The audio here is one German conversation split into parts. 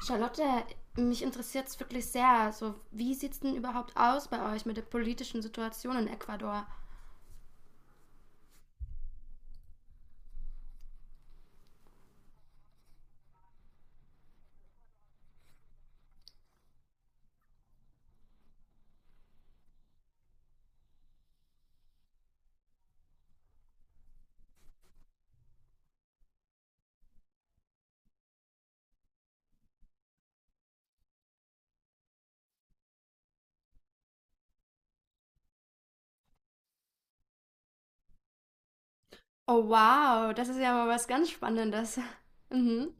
Charlotte, mich interessiert es wirklich sehr. So, wie sieht es denn überhaupt aus bei euch mit der politischen Situation in Ecuador? Oh wow, das ist ja mal was ganz Spannendes. Mhm.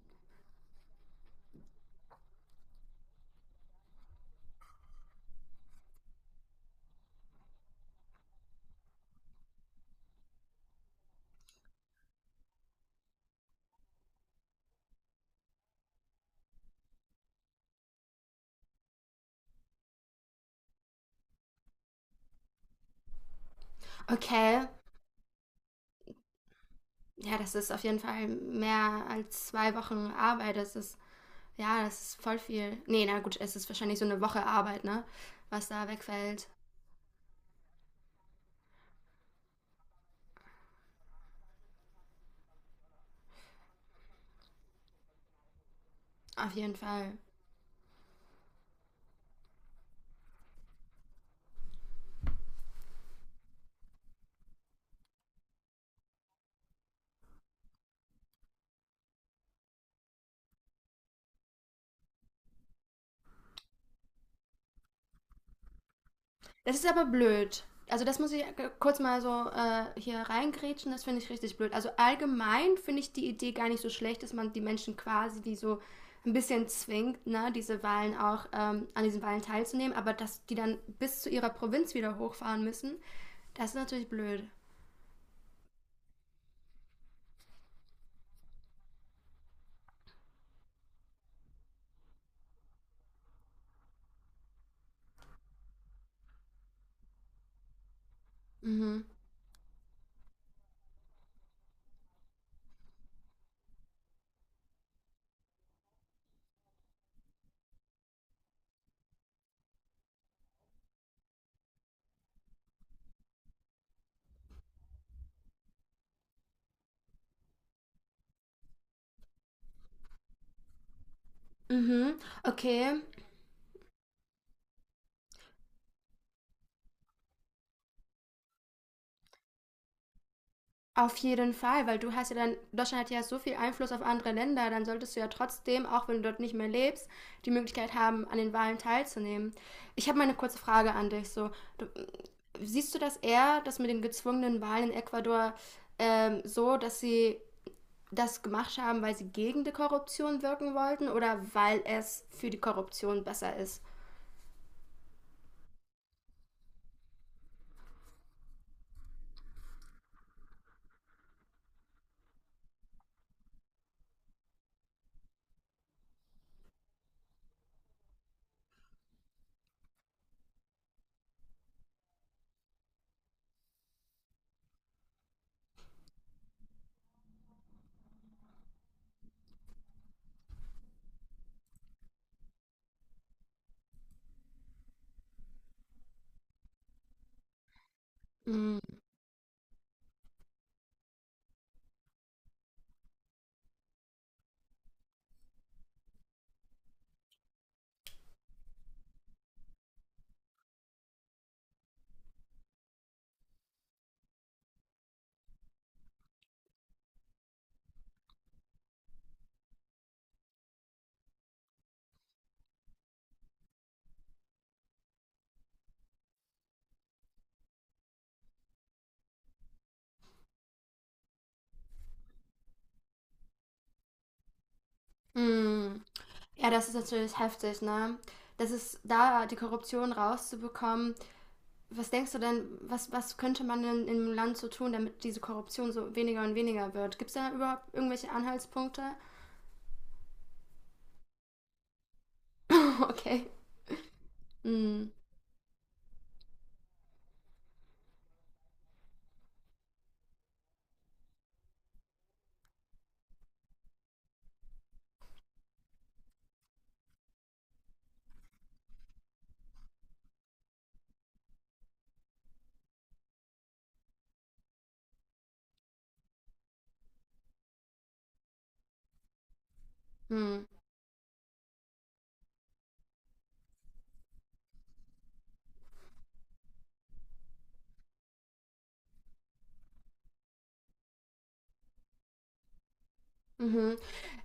Okay. Ja, das ist auf jeden Fall mehr als 2 Wochen Arbeit. Ja, das ist voll viel. Nee, na gut, es ist wahrscheinlich so eine Woche Arbeit, ne? Was da wegfällt. Auf jeden Fall. Das ist aber blöd. Also das muss ich kurz mal so hier reingrätschen, das finde ich richtig blöd. Also allgemein finde ich die Idee gar nicht so schlecht, dass man die Menschen quasi, die so ein bisschen zwingt, ne, diese Wahlen auch an diesen Wahlen teilzunehmen, aber dass die dann bis zu ihrer Provinz wieder hochfahren müssen, das ist natürlich blöd. Mhm. Mhm. Okay. Auf jeden Fall, weil du hast ja dann, Deutschland hat ja so viel Einfluss auf andere Länder, dann solltest du ja trotzdem, auch wenn du dort nicht mehr lebst, die Möglichkeit haben, an den Wahlen teilzunehmen. Ich habe mal eine kurze Frage an dich. So, du, siehst du das eher, dass mit den gezwungenen Wahlen in Ecuador so, dass sie das gemacht haben, weil sie gegen die Korruption wirken wollten oder weil es für die Korruption besser ist? Mm. Mm. Ja, das ist natürlich heftig, ne? Das ist da, die Korruption rauszubekommen. Was denkst du denn, was könnte man denn im Land so tun, damit diese Korruption so weniger und weniger wird? Gibt es da überhaupt irgendwelche Anhaltspunkte? Okay. Hm, hm. Mhm.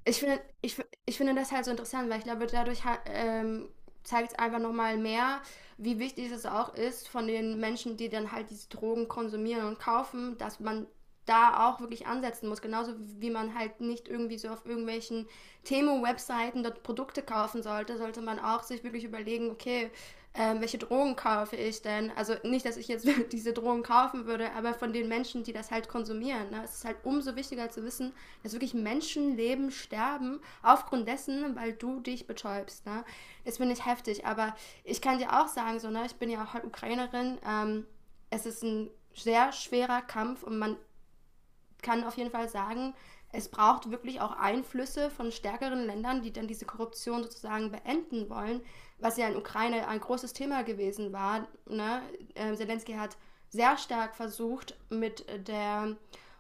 Ich, finde, ich, ich finde das halt so interessant, weil ich glaube, dadurch zeigt es einfach nochmal mehr, wie wichtig es auch ist von den Menschen, die dann halt diese Drogen konsumieren und kaufen, dass man da auch wirklich ansetzen muss. Genauso wie man halt nicht irgendwie so auf irgendwelchen Themo-Webseiten dort Produkte kaufen sollte, sollte man auch sich wirklich überlegen, okay, welche Drogen kaufe ich denn? Also nicht, dass ich jetzt diese Drogen kaufen würde, aber von den Menschen, die das halt konsumieren. Ne? Es ist halt umso wichtiger zu wissen, dass wirklich Menschenleben sterben, aufgrund dessen, weil du dich betäubst. Ne? Das finde ich heftig, aber ich kann dir auch sagen, so, ne, ich bin ja auch halt Ukrainerin. Es ist ein sehr schwerer Kampf und man kann auf jeden Fall sagen, es braucht wirklich auch Einflüsse von stärkeren Ländern, die dann diese Korruption sozusagen beenden wollen, was ja in Ukraine ein großes Thema gewesen war. Ne? Zelensky hat sehr stark versucht, mit der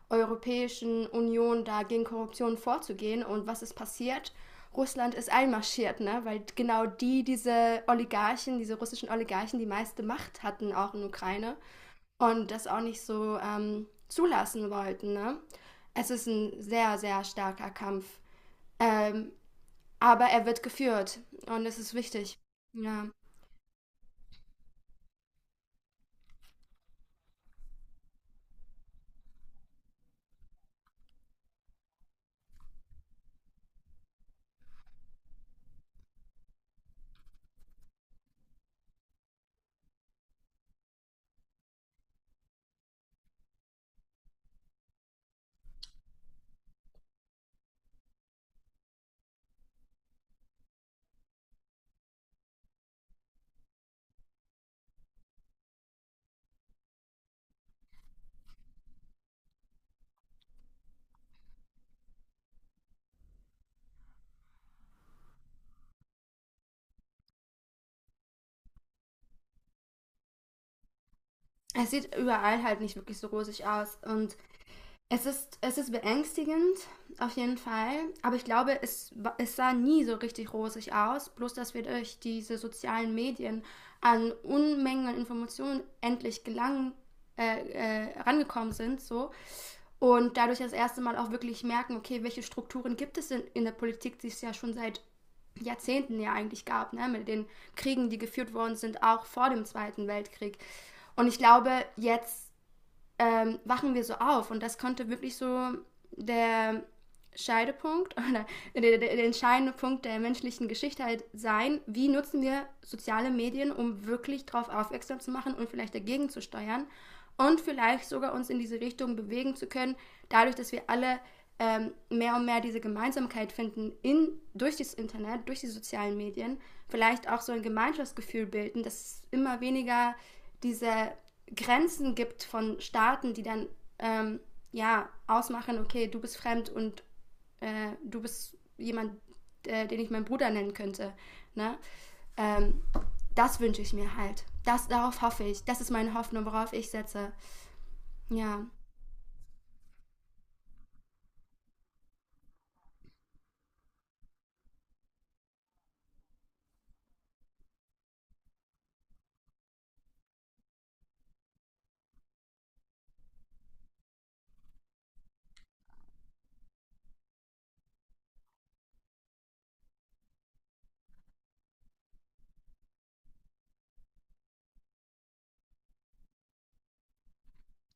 Europäischen Union da gegen Korruption vorzugehen. Und was ist passiert? Russland ist einmarschiert, ne? Weil genau die, diese Oligarchen, diese russischen Oligarchen, die meiste Macht hatten, auch in Ukraine und das auch nicht so zulassen wollten. Ne? Es ist ein sehr, sehr starker Kampf. Ähm, aber er wird geführt und es ist wichtig. Ja. Es sieht überall halt nicht wirklich so rosig aus und es ist beängstigend, auf jeden Fall. Aber ich glaube, es sah nie so richtig rosig aus. Bloß, dass wir durch diese sozialen Medien an Unmengen an Informationen endlich gelangen, äh, rangekommen sind, so. Und dadurch das erste Mal auch wirklich merken, okay, welche Strukturen gibt es denn in der Politik, die es ja schon seit Jahrzehnten ja eigentlich gab, ne? Mit den Kriegen, die geführt worden sind, auch vor dem Zweiten Weltkrieg. Und ich glaube, jetzt wachen wir so auf. Und das konnte wirklich so der Scheidepunkt oder der entscheidende Punkt der menschlichen Geschichte halt sein, wie nutzen wir soziale Medien, um wirklich darauf aufmerksam zu machen und vielleicht dagegen zu steuern und vielleicht sogar uns in diese Richtung bewegen zu können, dadurch, dass wir alle mehr und mehr diese Gemeinsamkeit finden in, durch das Internet, durch die sozialen Medien, vielleicht auch so ein Gemeinschaftsgefühl bilden, dass es immer weniger diese Grenzen gibt von Staaten, die dann ähm, ja ausmachen, okay, du bist fremd und du bist jemand, den ich meinen Bruder nennen könnte. Ne? Ähm, Das wünsche ich mir halt. Darauf hoffe ich. Das ist meine Hoffnung, worauf ich setze. Ja.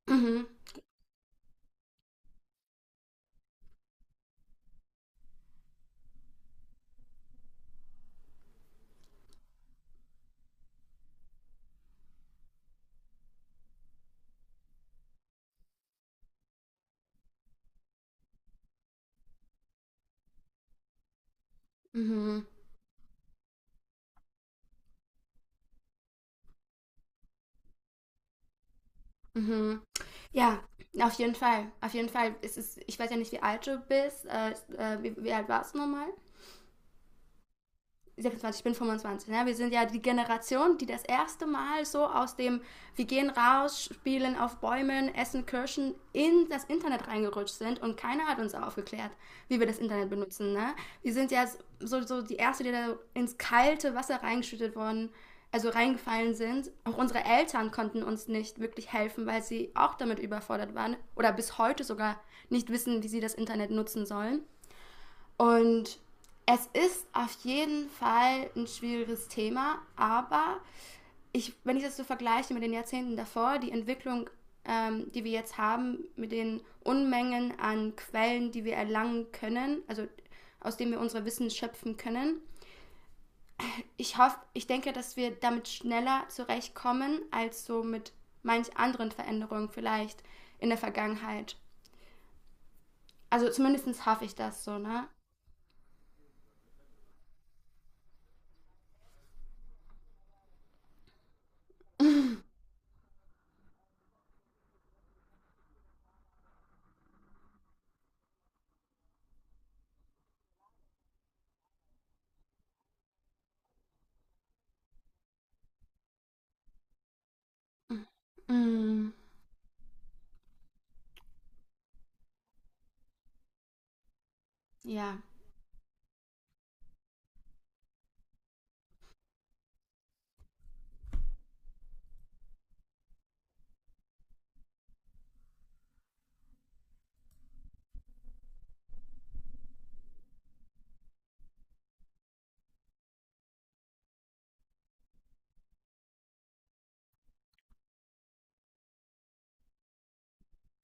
Mhm. Mhm. Mhm. Ja, auf jeden Fall. Auf jeden Fall. Ich weiß ja nicht, wie alt du bist. Wie alt warst du nochmal? 26, ich bin 25. Ne? Wir sind ja die Generation, die das erste Mal so wir gehen raus, spielen auf Bäumen, essen Kirschen, in das Internet reingerutscht sind und keiner hat uns aufgeklärt, wie wir das Internet benutzen. Ne? Wir sind ja so die Erste, die da ins kalte Wasser reingeschüttet worden, also reingefallen sind. Auch unsere Eltern konnten uns nicht wirklich helfen, weil sie auch damit überfordert waren oder bis heute sogar nicht wissen, wie sie das Internet nutzen sollen. Und es ist auf jeden Fall ein schwieriges Thema, aber wenn ich das so vergleiche mit den Jahrzehnten davor, die Entwicklung, die wir jetzt haben, mit den Unmengen an Quellen, die wir erlangen können, also aus denen wir unser Wissen schöpfen können, ich hoffe, ich denke, dass wir damit schneller zurechtkommen als so mit manch anderen Veränderungen vielleicht in der Vergangenheit. Also zumindest hoffe ich das so, ne? Mm, ja.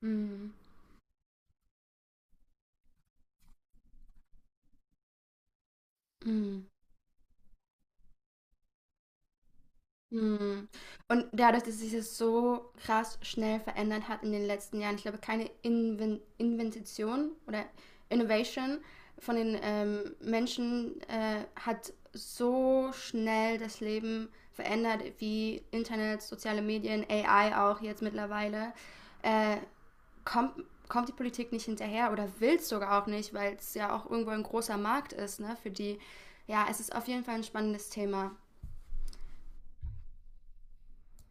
Mm. Mhm. Mhm. Und dadurch, dass sich das so krass schnell verändert hat in den letzten Jahren, ich glaube, keine Invention oder Innovation von den Menschen hat so schnell das Leben verändert, wie Internet, soziale Medien, AI auch jetzt mittlerweile. Äh, kommt die Politik nicht hinterher oder will es sogar auch nicht, weil es ja auch irgendwo ein großer Markt ist, ne, für die. Ja, es ist auf jeden Fall ein spannendes Thema.